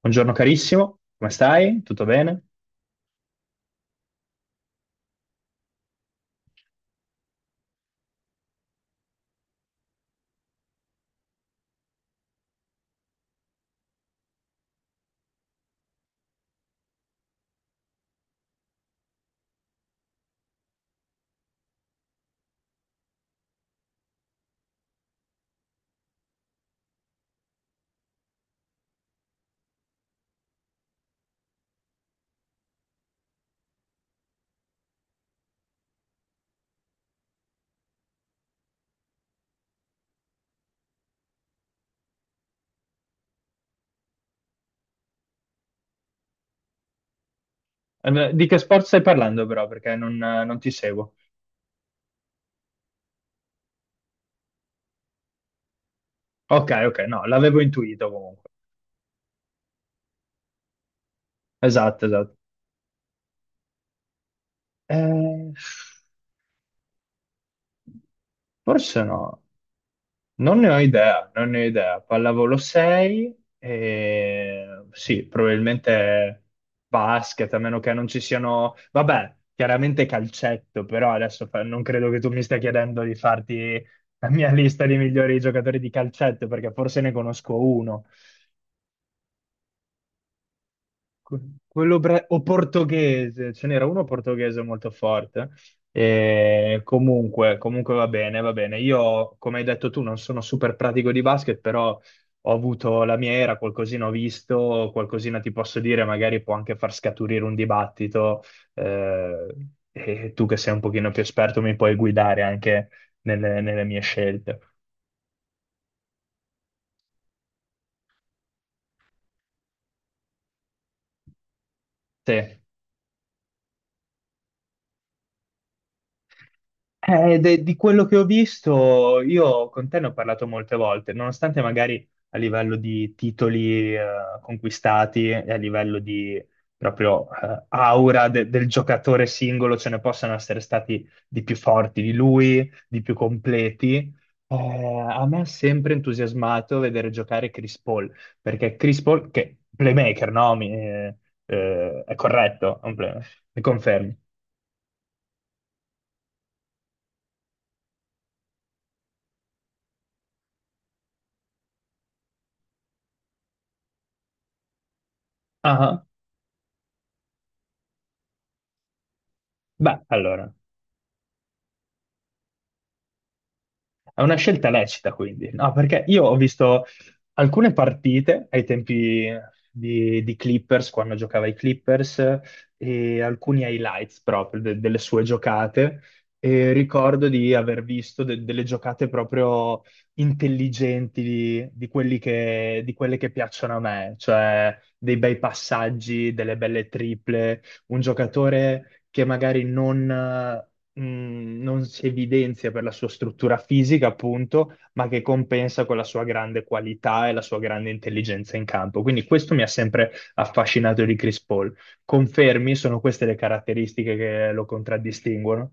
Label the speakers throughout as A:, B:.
A: Buongiorno carissimo, come stai? Tutto bene? Di che sport stai parlando però? Perché non ti seguo. Ok, ok, no, l'avevo intuito comunque. Esatto, esatto. Eh, forse no, non ne ho idea, non ne ho idea. Pallavolo 6 e sì, probabilmente basket, a meno che non ci siano... Vabbè, chiaramente calcetto, però adesso non credo che tu mi stia chiedendo di farti la mia lista di migliori giocatori di calcetto, perché forse ne conosco uno. Que- Quello o portoghese, ce n'era uno portoghese molto forte. E comunque va bene, va bene. Io, come hai detto tu, non sono super pratico di basket, però ho avuto la mia era, qualcosina ho visto, qualcosina ti posso dire, magari può anche far scaturire un dibattito. eh, e tu che sei un pochino più esperto mi puoi guidare anche nelle mie scelte. Sì. Di quello che ho visto, io con te ne ho parlato molte volte, nonostante magari a livello di titoli conquistati e a livello di proprio aura del giocatore singolo ce ne possano essere stati di più forti di lui, di più completi. A me ha sempre entusiasmato vedere giocare Chris Paul, perché Chris Paul, che playmaker, no? È corretto, è un mi confermi. Ah, beh, allora. È una scelta lecita, quindi, no? Perché io ho visto, alcune partite ai tempi di Clippers, quando giocava ai Clippers, e alcuni highlights proprio delle sue giocate. E ricordo di aver visto delle giocate proprio intelligenti di di quelle che piacciono a me, cioè dei bei passaggi, delle belle triple, un giocatore che magari non si evidenzia per la sua struttura fisica, appunto, ma che compensa con la sua grande qualità e la sua grande intelligenza in campo. Quindi questo mi ha sempre affascinato di Chris Paul. Confermi, sono queste le caratteristiche che lo contraddistinguono?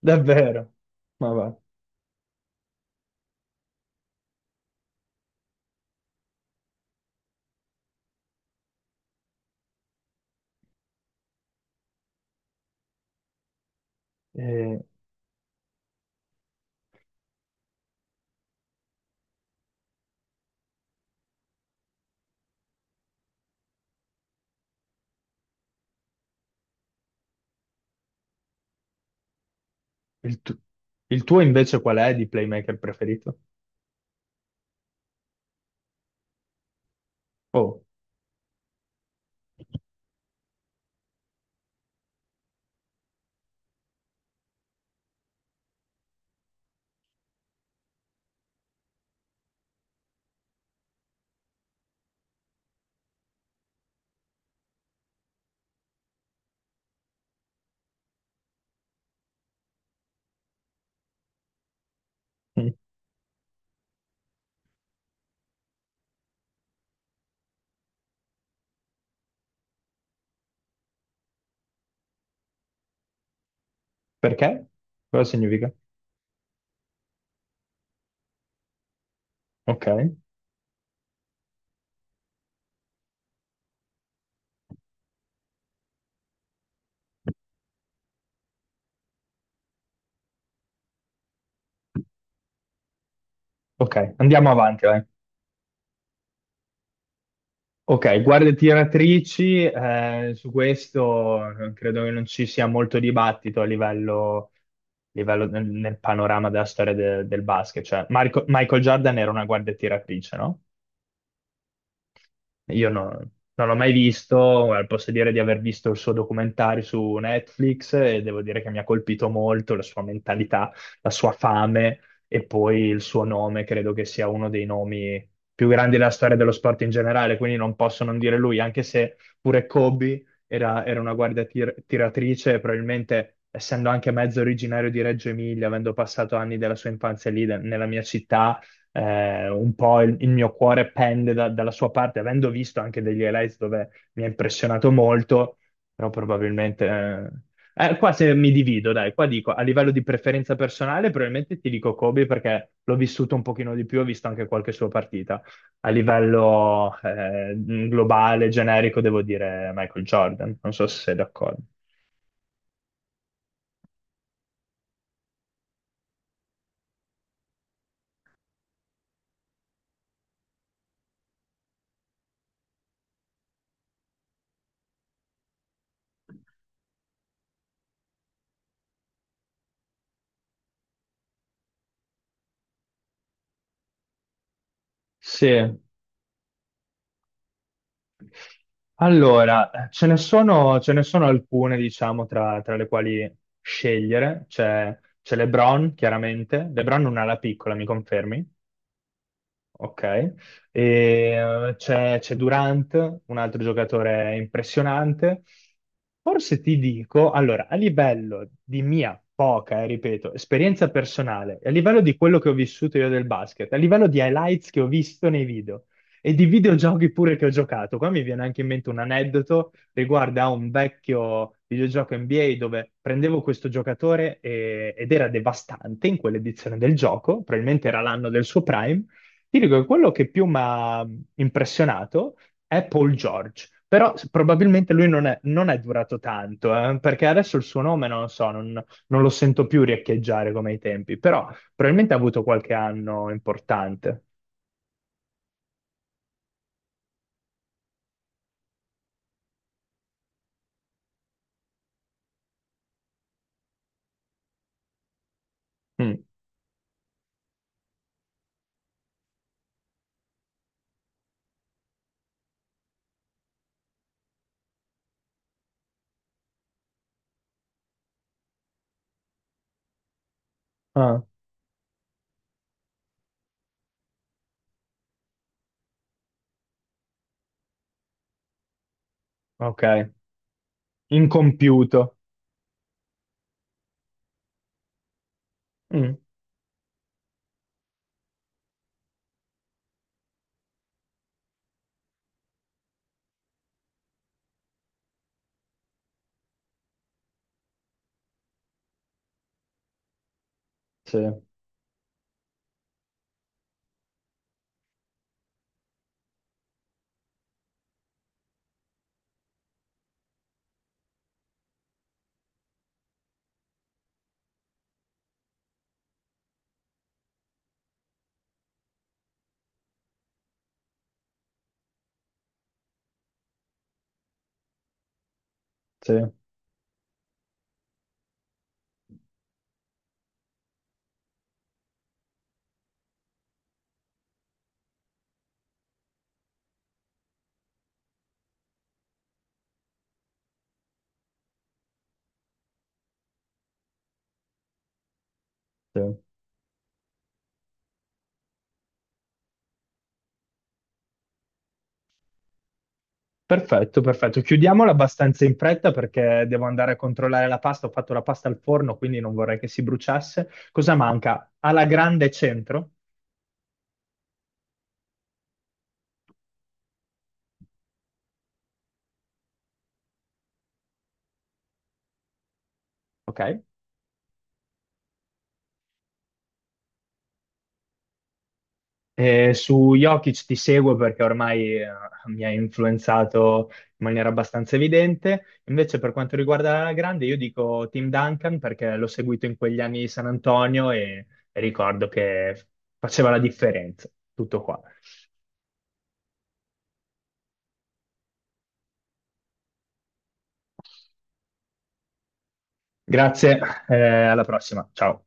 A: Davvero? Ma va. Eh, il, tu- il tuo invece qual è di playmaker preferito? Oh, mm, perché? Cosa significa? Ok, ok, andiamo avanti, vai. Ok, guardie tiratrici, su questo credo che non ci sia molto dibattito a livello nel, nel panorama della storia del basket. Cioè, Michael Jordan era una guardia tiratrice, no? Io no- Non l'ho mai visto, posso dire di aver visto il suo documentario su Netflix e devo dire che mi ha colpito molto la sua mentalità, la sua fame e poi il suo nome, credo che sia uno dei nomi più grandi della storia dello sport in generale, quindi non posso non dire lui, anche se pure Kobe era una guardia tiratrice, e probabilmente essendo anche mezzo originario di Reggio Emilia, avendo passato anni della sua infanzia lì, nella mia città un po' il mio cuore pende dalla sua parte, avendo visto anche degli highlights dove mi ha impressionato molto, però qua se mi divido, dai, qua dico, a livello di preferenza personale, probabilmente ti dico Kobe perché l'ho vissuto un pochino di più, ho visto anche qualche sua partita. A livello globale, generico, devo dire Michael Jordan, non so se sei d'accordo. Sì. Allora, ce ne sono alcune, diciamo, tra le quali scegliere. C'è LeBron, chiaramente. LeBron non ha la piccola, mi confermi? Ok. E, c'è Durant, un altro giocatore impressionante. Forse ti dico, allora, a livello di mia poca, ripeto, esperienza personale, e a livello di quello che ho vissuto io del basket, a livello di highlights che ho visto nei video e di videogiochi pure che ho giocato, qua mi viene anche in mente un aneddoto riguardo a un vecchio videogioco NBA dove prendevo questo giocatore ed era devastante in quell'edizione del gioco, probabilmente era l'anno del suo prime, ti dico che quello che più mi ha impressionato è Paul George, però probabilmente lui non è, non è durato tanto, perché adesso il suo nome non lo so, non, non lo sento più riecheggiare come ai tempi, però probabilmente ha avuto qualche anno importante. Mm. Ah, ok, incompiuto. Mm. Sì, sì, sì. Perfetto, perfetto. Chiudiamola abbastanza in fretta perché devo andare a controllare la pasta. Ho fatto la pasta al forno, quindi non vorrei che si bruciasse. Cosa manca? Alla grande centro, ok? E su Jokic ti seguo perché ormai mi ha influenzato in maniera abbastanza evidente. Invece per quanto riguarda la grande, io dico Tim Duncan perché l'ho seguito in quegli anni di San Antonio e ricordo che faceva la differenza. Tutto qua. Grazie, eh, alla prossima. Ciao.